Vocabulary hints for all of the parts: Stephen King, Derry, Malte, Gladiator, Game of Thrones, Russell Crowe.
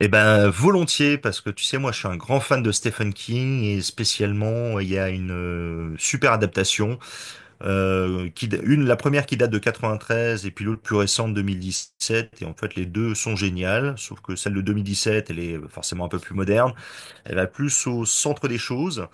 Eh ben, volontiers, parce que tu sais, moi, je suis un grand fan de Stephen King et spécialement, il y a une super adaptation, la première qui date de 93 et puis l'autre plus récente 2017. Et en fait, les deux sont géniales, sauf que celle de 2017, elle est forcément un peu plus moderne. Elle va plus au centre des choses.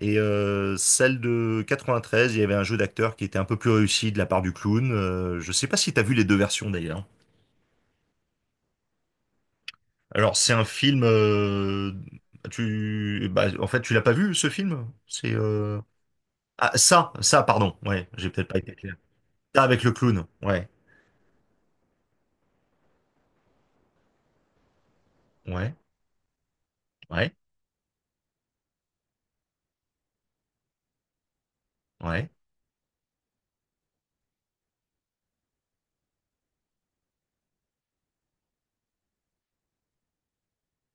Et celle de 93, il y avait un jeu d'acteur qui était un peu plus réussi de la part du clown. Je sais pas si t'as vu les deux versions d'ailleurs. Alors, c'est un film. Bah, en fait, tu l'as pas vu ce film? C'est Ah, ça, pardon. Ouais, j'ai peut-être pas été clair. Ça avec le clown. Ouais, ouais, ouais, ouais,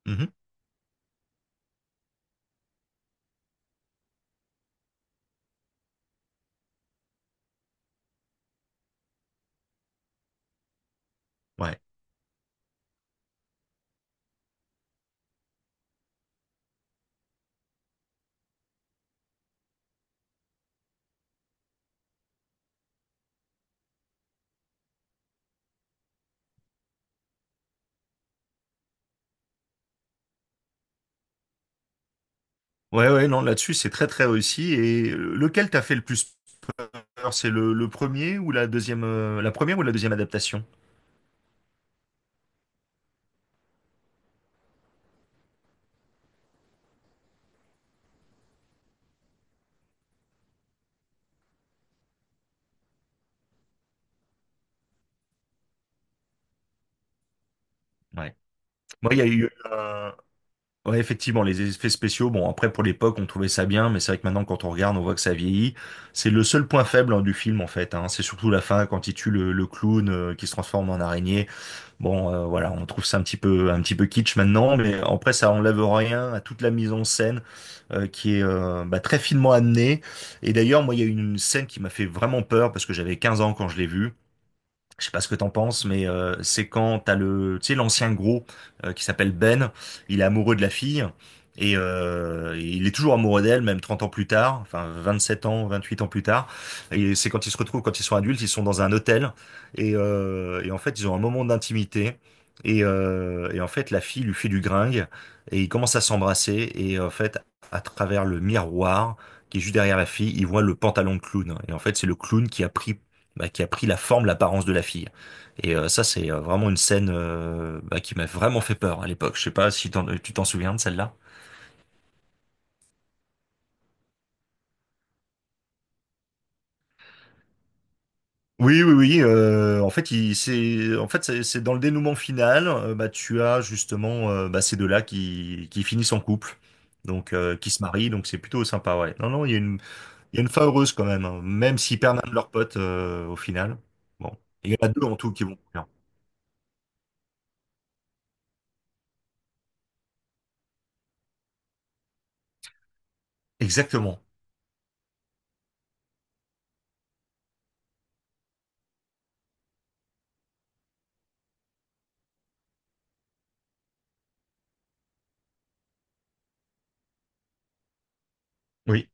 mhm, ouais, ouais, ouais. Non, là-dessus, c'est très très réussi. Et lequel t'a fait le plus peur? C'est le premier ou la deuxième, la première ou la deuxième adaptation? Ouais. Moi, il y a eu un. Ouais, effectivement, les effets spéciaux, bon, après, pour l'époque, on trouvait ça bien, mais c'est vrai que maintenant, quand on regarde, on voit que ça vieillit. C'est le seul point faible, hein, du film, en fait, hein. C'est surtout la fin, quand il tue le clown, qui se transforme en araignée. Bon, voilà, on trouve ça un petit peu kitsch maintenant, mais après, ça enlève rien à toute la mise en scène, qui est, bah, très finement amenée. Et d'ailleurs, moi, il y a une scène qui m'a fait vraiment peur, parce que j'avais 15 ans quand je l'ai vue. Je sais pas ce que t'en penses, mais c'est quand t'as le, tu sais, l'ancien gros qui s'appelle Ben, il est amoureux de la fille et il est toujours amoureux d'elle, même 30 ans plus tard, enfin 27 ans, 28 ans plus tard. Et c'est quand ils se retrouvent, quand ils sont adultes, ils sont dans un hôtel et en fait ils ont un moment d'intimité et en fait la fille lui fait du gringue et ils commencent à s'embrasser et en fait à travers le miroir qui est juste derrière la fille, ils voient le pantalon de clown et en fait c'est le clown qui a pris la forme, l'apparence de la fille. Et ça, c'est vraiment une scène bah, qui m'a vraiment fait peur à l'époque. Je sais pas si tu t'en souviens de celle-là. Oui, oui, oui. En fait, en fait, c'est dans le dénouement final. Bah, tu as justement bah, ces deux-là qui finissent en couple, donc qui se marient. Donc c'est plutôt sympa, ouais. Non, non, il y a une fin heureuse quand même, hein, même s'ils perdent un de leurs potes au final. Bon, il y en a deux en tout qui vont mourir. Exactement. Oui.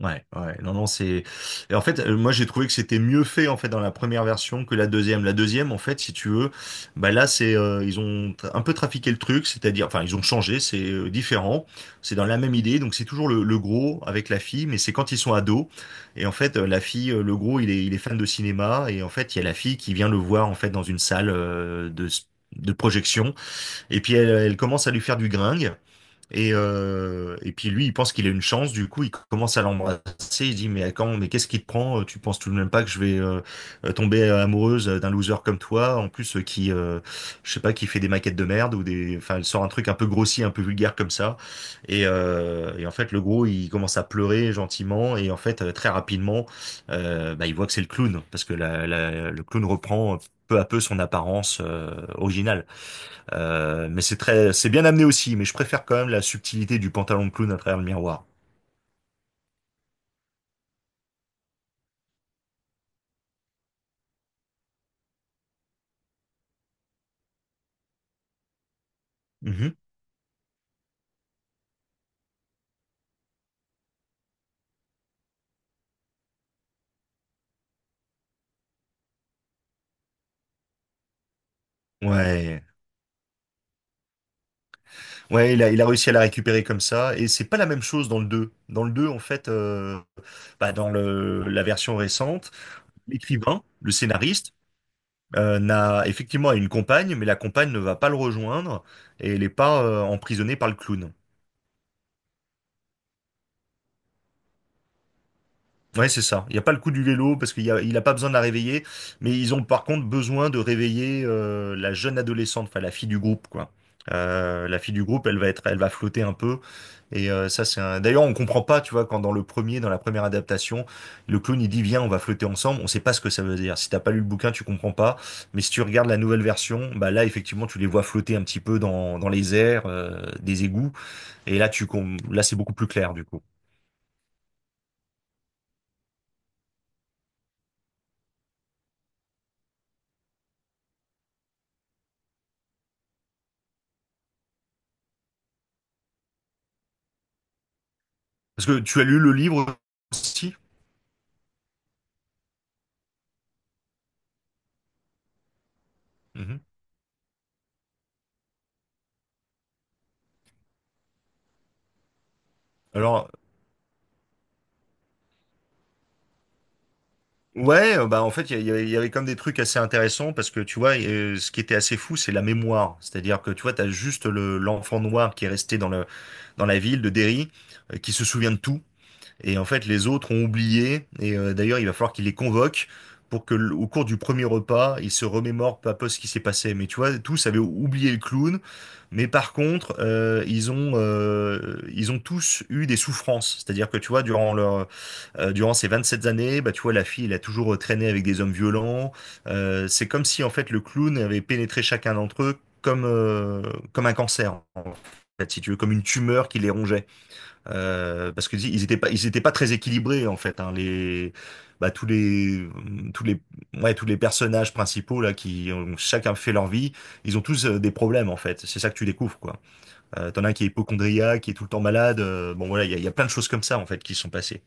Ouais, ouais, non, non, c'est. Et en fait, moi, j'ai trouvé que c'était mieux fait en fait dans la première version que la deuxième. La deuxième, en fait, si tu veux, bah là, c'est ils ont un peu trafiqué le truc, c'est-à-dire, enfin, ils ont changé, c'est différent, c'est dans la même idée, donc c'est toujours le gros avec la fille, mais c'est quand ils sont ados. Et en fait, le gros, il est fan de cinéma, et en fait, il y a la fille qui vient le voir en fait dans une salle de projection, et puis elle, elle commence à lui faire du gringue. Et puis lui, il pense qu'il a une chance, du coup, il commence à l'embrasser, il dit, mais qu'est-ce qui te prend? Tu penses tout de même pas que je vais tomber amoureuse d'un loser comme toi, en plus qui, je sais pas, qui fait des maquettes de merde ou des, enfin, elle sort un truc un peu grossier, un peu vulgaire comme ça. Et en fait, le gros, il commence à pleurer gentiment et en fait, très rapidement, bah, il voit que c'est le clown parce que le clown reprend peu à peu son apparence originale. Mais c'est bien amené aussi, mais je préfère quand même la subtilité du pantalon de clown à travers le miroir. Mhm. Ouais, ouais, il a réussi à la récupérer comme ça, et c'est pas la même chose dans le 2. Dans le 2 en fait, bah, dans la version récente, l'écrivain, le scénariste, n'a effectivement une compagne, mais la compagne ne va pas le rejoindre, et elle n'est pas emprisonnée par le clown. Ouais, c'est ça. Il n'y a pas le coup du vélo parce qu'il a pas besoin de la réveiller, mais ils ont par contre besoin de réveiller la jeune adolescente, enfin la fille du groupe, quoi. La fille du groupe, elle va flotter un peu. Et ça, c'est un. D'ailleurs, on comprend pas, tu vois, quand dans la première adaptation, le clown il dit viens, on va flotter ensemble. On sait pas ce que ça veut dire. Si t'as pas lu le bouquin, tu comprends pas. Mais si tu regardes la nouvelle version, bah là, effectivement, tu les vois flotter un petit peu dans les airs, des égouts. Et là, c'est beaucoup plus clair du coup. Parce que tu as lu le livre aussi? Mhm. Alors, ouais, bah en fait, il y, a- il y avait comme des trucs assez intéressants parce que tu vois, ce qui était assez fou, c'est la mémoire. C'est-à-dire que tu vois, t'as juste l'enfant noir qui est resté dans dans la ville de Derry, qui se souvient de tout. Et en fait, les autres ont oublié. Et d'ailleurs, il va falloir qu'il les convoque pour que, au cours du premier repas, ils se remémorent peu à peu ce qui s'est passé. Mais tu vois, tous avaient oublié le clown. Mais par contre, ils ont tous eu des souffrances. C'est-à-dire que tu vois, durant ces 27 années, bah, tu vois, la fille, elle a toujours traîné avec des hommes violents. C'est comme si, en fait, le clown avait pénétré chacun d'entre eux comme un cancer, en fait, si tu veux, comme une tumeur qui les rongeait. Parce que dis, ils étaient pas très équilibrés, en fait, hein, bah, tous les, ouais, tous les personnages principaux, là, qui ont chacun fait leur vie, ils ont tous des problèmes, en fait. C'est ça que tu découvres, quoi. T'en as un qui est hypocondriaque, qui est tout le temps malade. Bon, voilà, il y a plein de choses comme ça, en fait, qui se sont passées.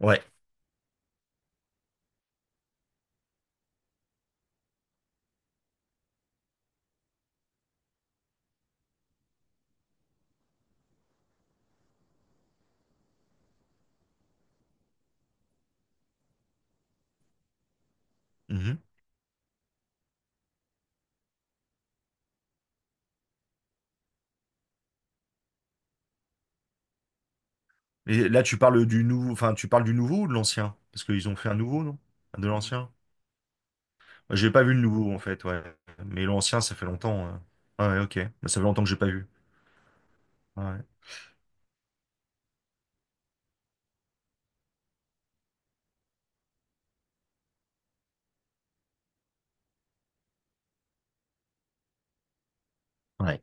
Ouais. Et là, tu parles du nouveau, enfin, tu parles du nouveau ou de l'ancien? Parce qu'ils ont fait un nouveau, non? De l'ancien? J'ai pas vu le nouveau, en fait, ouais. Mais l'ancien, ça fait longtemps. Ouais, ok. Bah, ça fait longtemps que j'ai pas vu. Ouais. Ouais.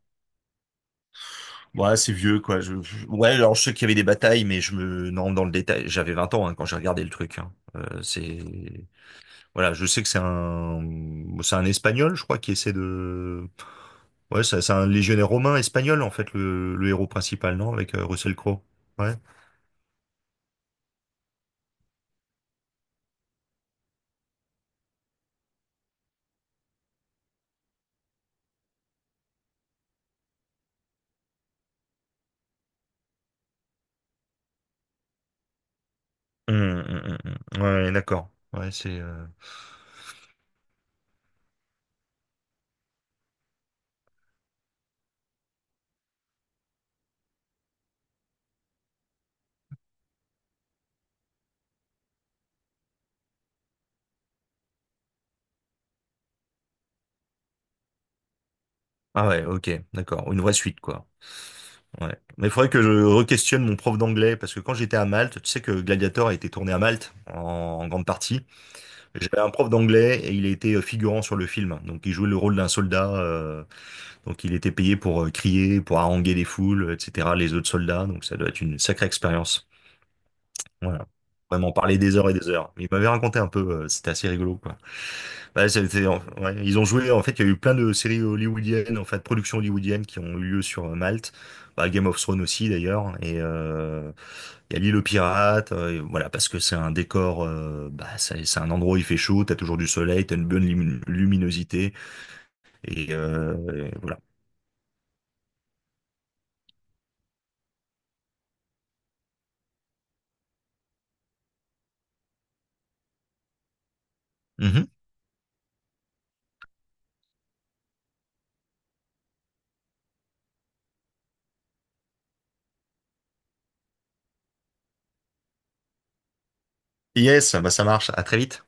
Ouais, c'est vieux, quoi. Ouais, alors je sais qu'il y avait des batailles, mais je me... Non, dans le détail, j'avais 20 ans hein, quand j'ai regardé le truc. Hein. C'est... Voilà, je sais que c'est un... C'est un Espagnol, je crois, qui essaie de... Ouais, c'est un légionnaire romain espagnol, en fait, le héros principal, non? Avec Russell Crowe. Ouais. Hum, hum, hum, Ouais, ouais, d'accord. Ouais, c'est. Ah ouais, ok, d'accord. Une vraie suite, quoi. Ouais. Mais il faudrait que je re-questionne mon prof d'anglais, parce que quand j'étais à Malte, tu sais que Gladiator a été tourné à Malte, en grande partie. J'avais un prof d'anglais et il était figurant sur le film. Donc il jouait le rôle d'un soldat. Donc il était payé pour crier, pour haranguer les foules, etc., les autres soldats. Donc ça doit être une sacrée expérience. Voilà. Vraiment parler des heures et des heures. Il m'avait raconté un peu, c'était assez rigolo, quoi. Bah, c'était, ouais, ils ont joué, en fait, il y a eu plein de séries hollywoodiennes, en fait, productions hollywoodiennes qui ont eu lieu sur Malte. Bah, Game of Thrones aussi, d'ailleurs. Et il y a l'île aux pirates, et voilà, parce que c'est un décor, bah, c'est un endroit où il fait chaud, t'as toujours du soleil, t'as une bonne luminosité. Et, euh, et voilà. Mhm. Yes, bah, ça marche. À très vite.